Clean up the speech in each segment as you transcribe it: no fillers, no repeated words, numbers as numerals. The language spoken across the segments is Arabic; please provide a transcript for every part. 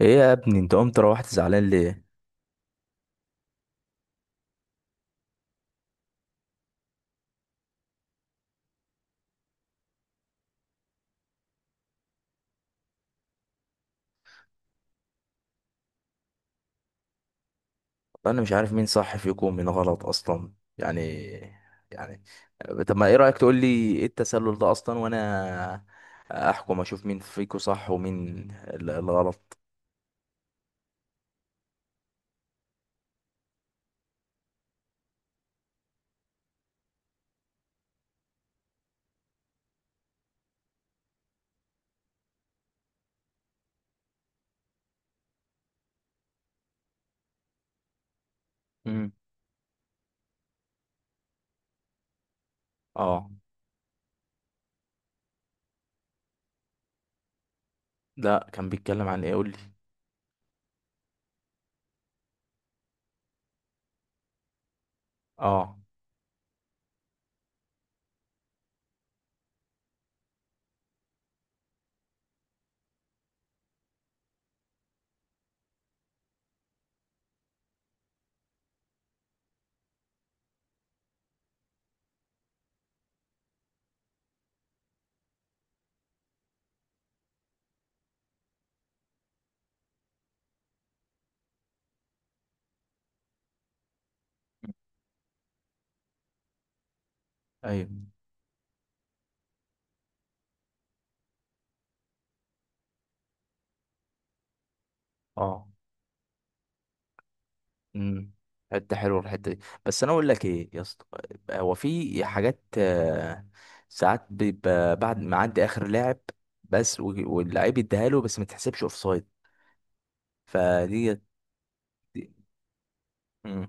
ايه يا ابني انت قمت روحت زعلان ليه؟ انا مش عارف مين صح فيكم ومين غلط اصلا. يعني يعني طب ما ايه رايك تقول لي ايه التسلل ده اصلا، وانا احكم اشوف مين فيكم صح ومين الغلط. امم. اه. لا، كان بيتكلم عن ايه؟ قول لي. اه. ايوه. اه. امم. حته حلوه الحته دي. بس انا اقول لك ايه يا اسطى، هو في حاجات ساعات بيبقى بعد ما عدي اخر لاعب، بس واللعيب يديها له بس ما تحسبش اوف سايد. فدي دي- مم.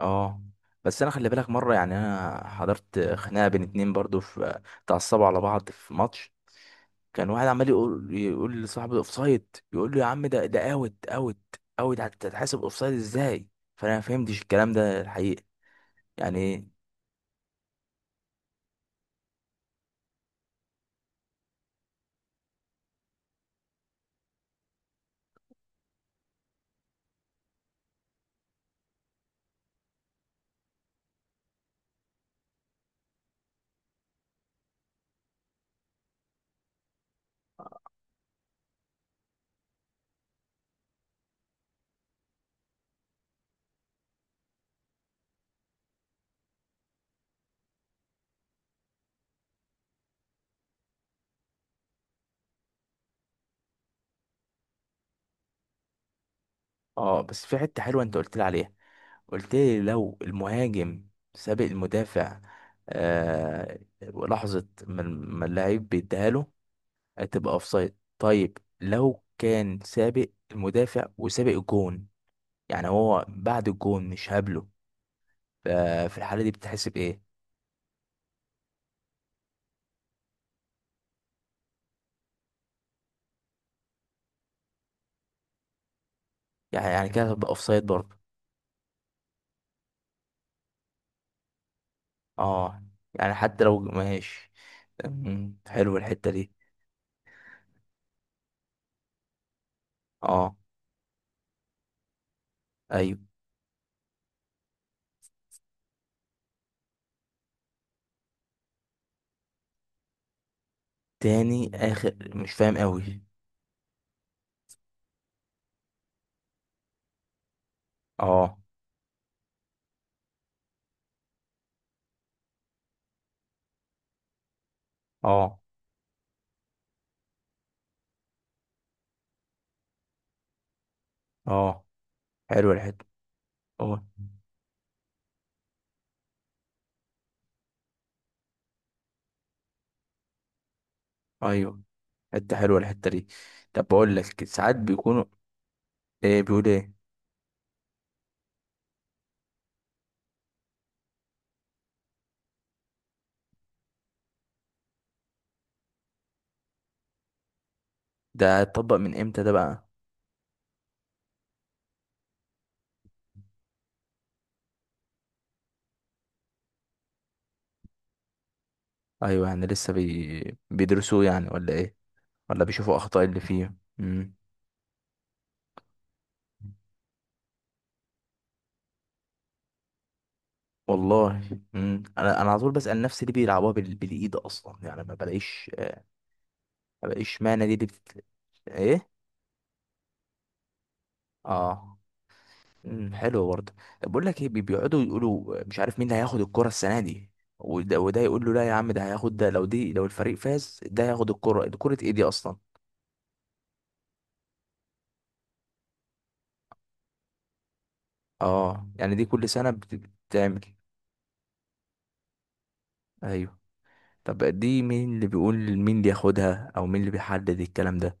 اه، بس انا خلي بالك مره، يعني انا حضرت خناقه بين اتنين برضو، في اتعصبوا على بعض في ماتش. كان واحد عمال يقول لصاحبه اوف سايد، يقول له يا عم ده اوت، اوت اوت هتتحسب اوف سايد ازاي؟ فانا ما فهمتش الكلام ده الحقيقه، يعني. اه، بس في حتة حلوة انت قلت لي عليها. قلت لي لو المهاجم سابق المدافع آه لحظة ما اللاعب بيديها له هتبقى اوفسايد، طيب لو كان سابق المدافع وسابق الجون، يعني هو بعد الجون مش هابله، ففي الحالة دي بتحسب ايه؟ يعني كده هتبقى اوفسايد برضه. اه، يعني حتى لو ماشي. مم، حلو الحتة دي. اه. ايوه. تاني اخر مش فاهم قوي. اه. اه. اه، حلوه الحته. اه. ايوه، حته حلوه الحته دي. طب بقول لك ساعات بيكونوا، ايه بيقول ايه؟ ده اتطبق من امتى ده بقى؟ ايوه، يعني لسه بيدرسوه يعني، ولا ايه؟ ولا بيشوفوا اخطاء اللي فيه؟ امم. والله امم، انا على طول بسأل نفسي ليه بيلعبوها بالايد اصلا، يعني ما بلاقيش، ما بلاقيش معنى دي ايه. اه. امم، حلو برضه. طب بقول لك ايه، بيقعدوا يقولوا مش عارف مين اللي هياخد الكرة السنة دي، وده, وده يقول له لا يا عم ده هياخد، ده لو دي لو الفريق فاز ده هياخد الكرة دي، كرة ايه دي اصلا؟ اه، يعني دي كل سنة بتتعمل؟ ايوه. طب دي مين اللي بيقول مين اللي ياخدها، او مين اللي بيحدد الكلام ده؟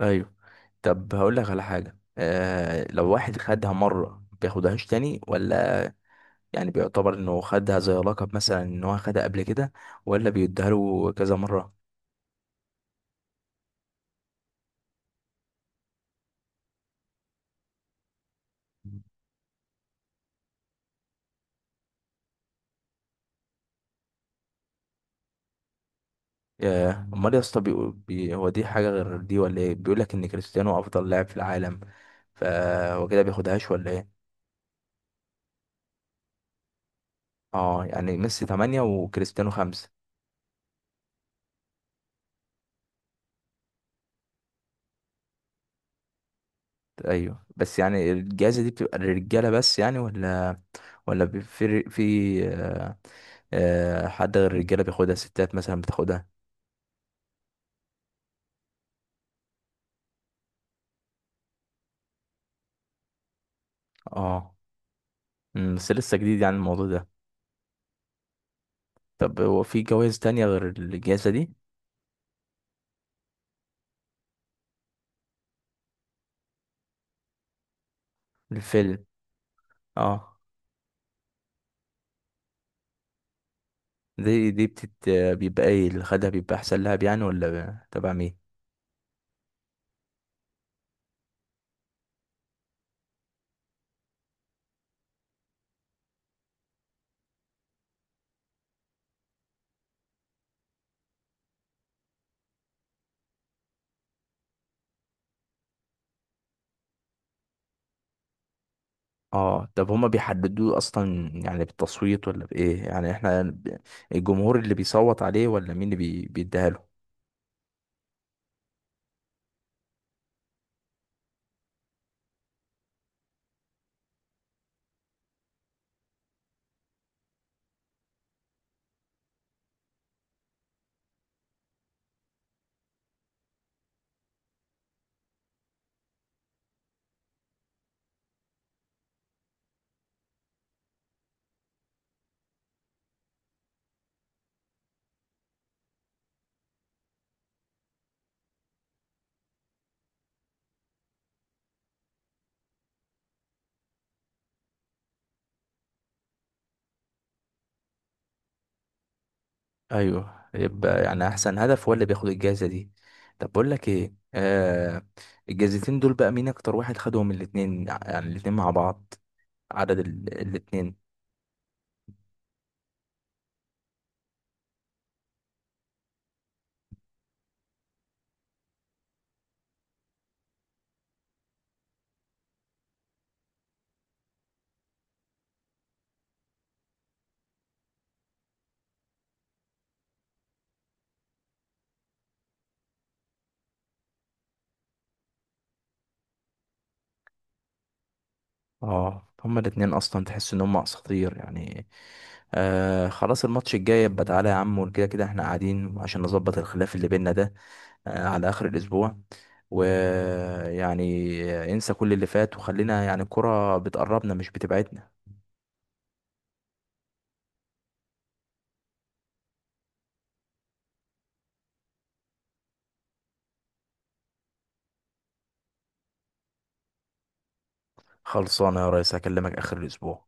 ايوه. طب هقول لك على حاجة، آه لو واحد خدها مرة بياخدهاش تاني، ولا يعني بيعتبر انه خدها زي لقب مثلا ان هو خدها قبل كده، ولا بيديها له كذا مرة؟ ياه. امال يا اسطى هو دي حاجه غير دي ولا ايه؟ بيقول لك ان كريستيانو افضل لاعب في العالم، فهو كده بياخدهاش ولا ايه؟ اه، يعني ميسي 8 وكريستيانو 5. ايوه، بس يعني الجائزه دي بتبقى للرجاله بس يعني، ولا ولا بي- في في آه، آه، حد غير الرجاله بياخدها، ستات مثلا بتاخدها؟ اه. أمم، بس لسه جديد يعني الموضوع ده. طب هو في جوائز تانية غير الجائزه دي؟ الفيلم. اه، دي بتت بيبقى ايه اللي خدها بيبقى احسن لها يعني، ولا تبع مين؟ اه. طب هما بيحددوه اصلا يعني بالتصويت ولا بايه؟ يعني احنا الجمهور اللي بيصوت عليه، ولا مين اللي بيديها له؟ ايوه، يبقى يعني احسن هدف هو اللي بياخد الجائزه دي. طب بقول لك ايه آه، الجائزتين دول بقى مين اكتر واحد خدهم الاتنين، يعني الاتنين مع بعض، عدد الاتنين؟ اه. هما الاتنين اصلا تحس ان هما اساطير يعني. آه، خلاص الماتش الجاي يبقى تعالى يا عم، وكده كده احنا قاعدين عشان نظبط الخلاف اللي بينا ده، آه على اخر الاسبوع، ويعني انسى كل اللي فات، وخلينا يعني الكرة بتقربنا مش بتبعدنا. خلصانة يا ريس، هكلمك اخر الاسبوع.